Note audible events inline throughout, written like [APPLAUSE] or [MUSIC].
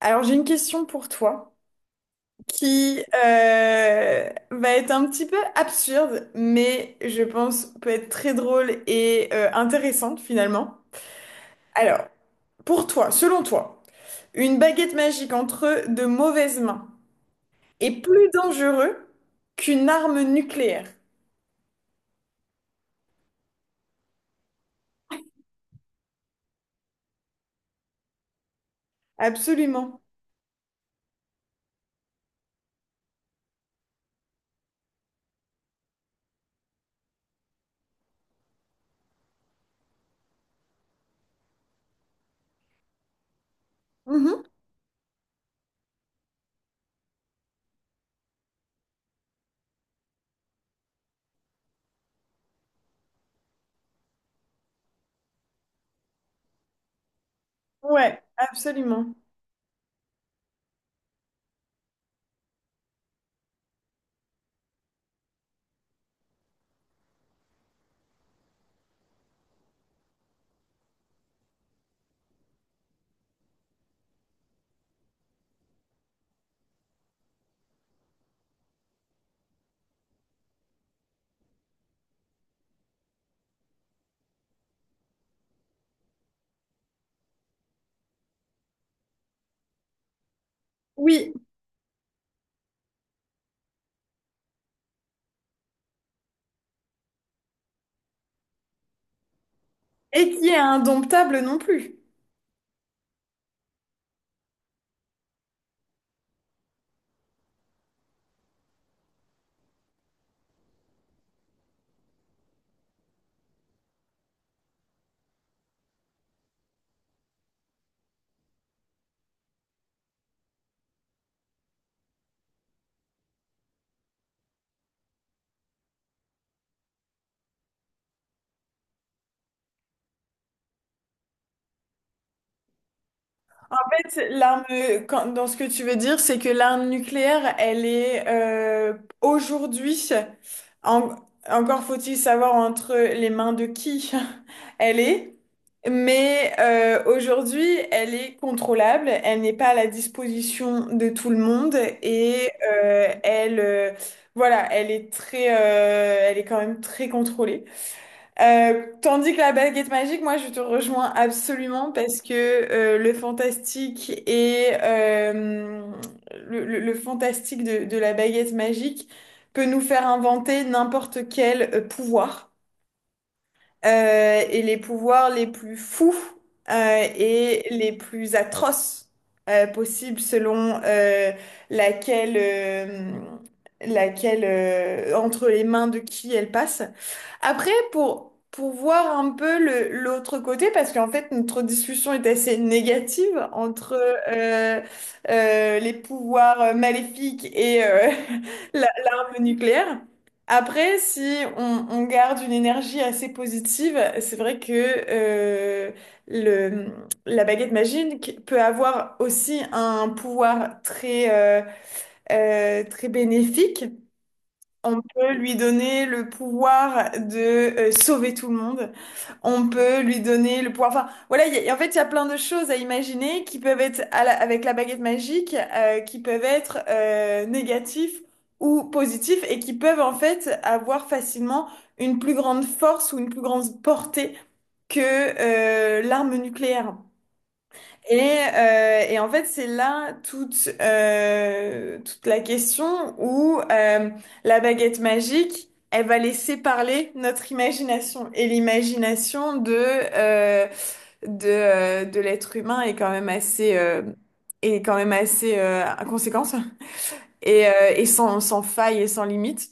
Alors j'ai une question pour toi qui va être un petit peu absurde, mais je pense peut être très drôle et intéressante finalement. Alors, pour toi, selon toi, une baguette magique entre de mauvaises mains est plus dangereux qu'une arme nucléaire. Absolument. Mhm. Ouais, absolument. Oui, et qui est indomptable non plus. Fait, l'arme, dans ce que tu veux dire, c'est que l'arme nucléaire, elle est aujourd'hui, en- encore faut-il savoir entre les mains de qui [LAUGHS] elle est, mais aujourd'hui, elle est contrôlable, elle n'est pas à la disposition de tout le monde et elle, voilà, elle est elle est quand même très contrôlée. Tandis que la baguette magique, moi je te rejoins absolument parce que le fantastique et le fantastique de la baguette magique peut nous faire inventer n'importe quel pouvoir et les pouvoirs les plus fous et les plus atroces possibles selon laquelle, euh, laquelle entre les mains de qui elle passe. Après, pour voir un peu le, l'autre côté, parce qu'en fait, notre discussion est assez négative entre euh, les pouvoirs maléfiques et [LAUGHS] l'arme nucléaire. Après, si on, on garde une énergie assez positive, c'est vrai que euh, le, la baguette magique peut avoir aussi un pouvoir très bénéfique. On peut lui donner le pouvoir de sauver tout le monde. On peut lui donner le pouvoir. Enfin, voilà, en fait, il y a plein de choses à imaginer qui peuvent être avec la baguette magique, qui peuvent être négatifs ou positifs et qui peuvent en fait avoir facilement une plus grande force ou une plus grande portée que l'arme nucléaire. Et, et en fait, c'est là toute la question où la baguette magique, elle va laisser parler notre imagination. Et l'imagination euh, de l'être humain est quand même est quand même assez à et sans, sans faille et sans limite.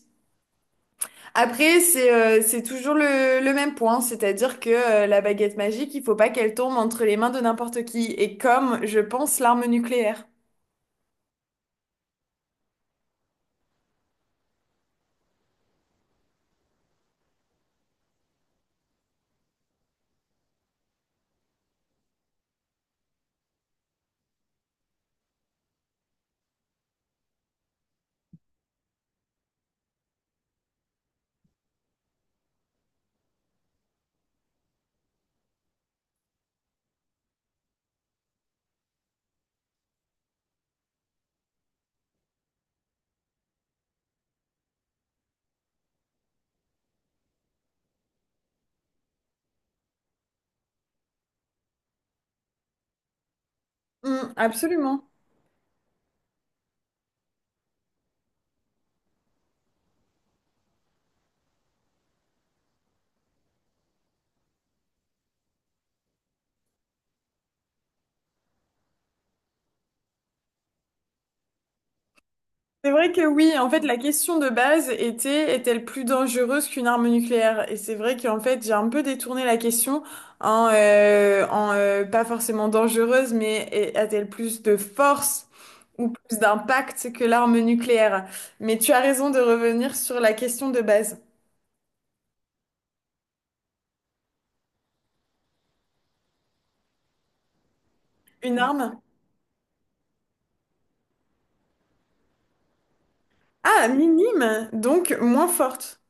Après, c'est toujours le même point, c'est-à-dire que la baguette magique, il faut pas qu'elle tombe entre les mains de n'importe qui, et comme, je pense, l'arme nucléaire. Hmm, absolument. C'est vrai que oui, en fait, la question de base était, est-elle plus dangereuse qu'une arme nucléaire? Et c'est vrai qu'en fait, j'ai un peu détourné la question en, en pas forcément dangereuse, mais a-t-elle plus de force ou plus d'impact que l'arme nucléaire? Mais tu as raison de revenir sur la question de base. Une arme? Ah, minime, donc moins forte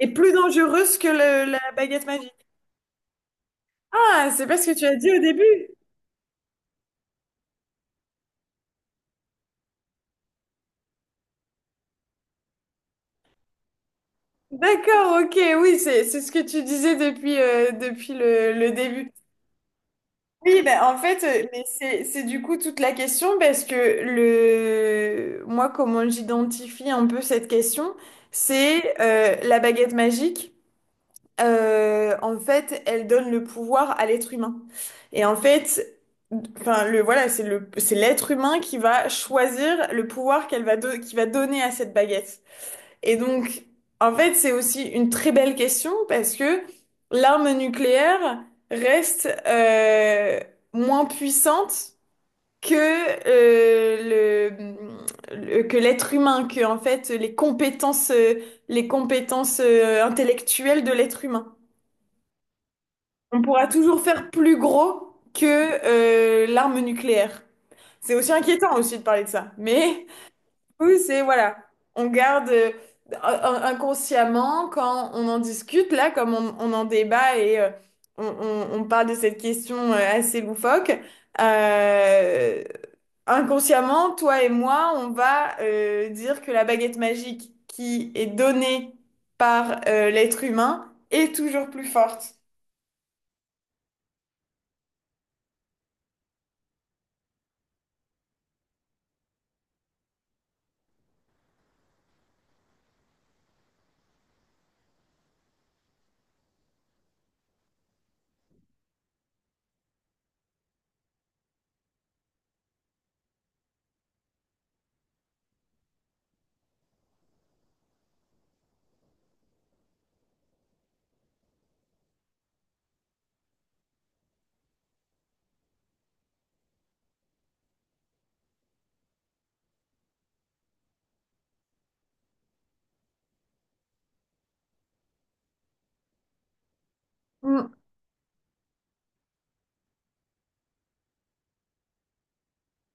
et plus dangereuse que la baguette magique. Ah, c'est pas ce que tu as dit au début. D'accord, ok, oui, c'est ce que tu disais depuis, depuis le début. Oui, ben en fait, mais c'est du coup toute la question parce que le moi comment j'identifie un peu cette question, c'est la baguette magique. En fait, elle donne le pouvoir à l'être humain. Et en fait, enfin, le, voilà, c'est le, c'est l'être humain qui va choisir le pouvoir qu'elle va, qu'il va donner à cette baguette. Et donc, en fait, c'est aussi une très belle question parce que l'arme nucléaire reste moins puissante que euh, le, que l'être humain, que en fait les compétences intellectuelles de l'être humain. On pourra toujours faire plus gros que l'arme nucléaire. C'est aussi inquiétant aussi de parler de ça. Mais oui, c'est voilà. On garde inconsciemment quand on en discute, là, comme on en débat et on, on parle de cette question assez loufoque. Euh, inconsciemment, toi et moi, on va dire que la baguette magique qui est donnée par l'être humain est toujours plus forte.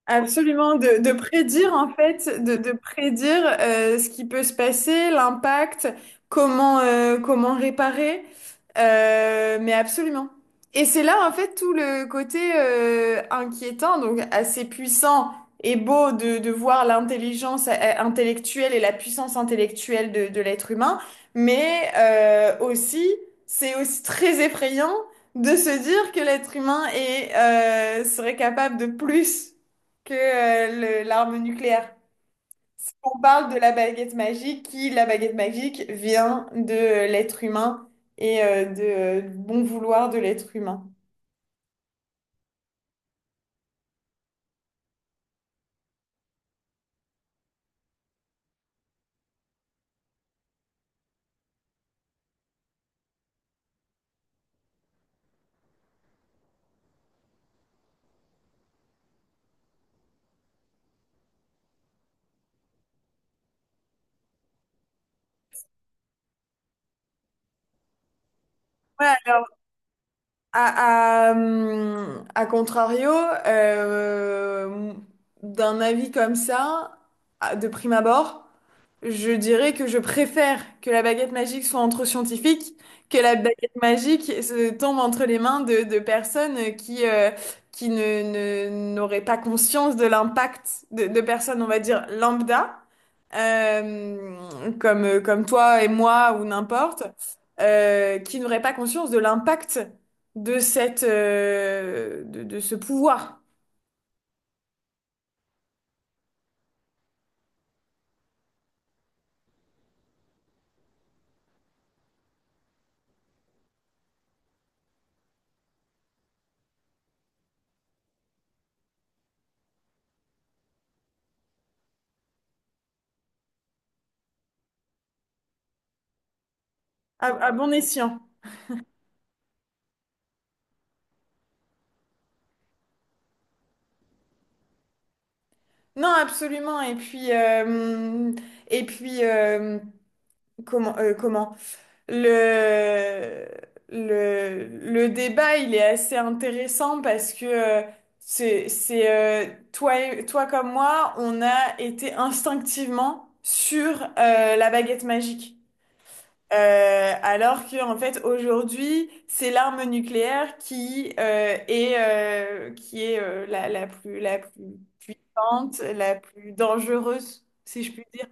Absolument, de prédire en fait, de prédire ce qui peut se passer, l'impact, comment, comment réparer, mais absolument. Et c'est là en fait tout le côté inquiétant, donc assez puissant et beau de voir l'intelligence intellectuelle et la puissance intellectuelle de l'être humain, mais aussi, c'est aussi très effrayant de se dire que l'être humain serait capable de plus que l'arme nucléaire. Si on parle de la baguette magique, qui, la baguette magique, vient de l'être humain et bon vouloir de l'être humain. Ouais. Alors, à contrario, euh, d'un avis comme ça, de prime abord, je dirais que je préfère que la baguette magique soit entre scientifiques, que la baguette magique se tombe entre les mains de personnes qui ne, n'auraient pas conscience de l'impact de personnes, on va dire, lambda comme, comme toi et moi ou n'importe, qui n'auraient pas conscience de l'impact de cette, de ce pouvoir à bon escient. Non, absolument. Et puis comment, comment? Le, le débat, il est assez intéressant parce que c'est, c'est, euh, toi, toi comme moi, on a été instinctivement sur la baguette magique. Alors que en fait aujourd'hui c'est l'arme nucléaire qui est qui est la, la plus puissante la plus dangereuse si je puis dire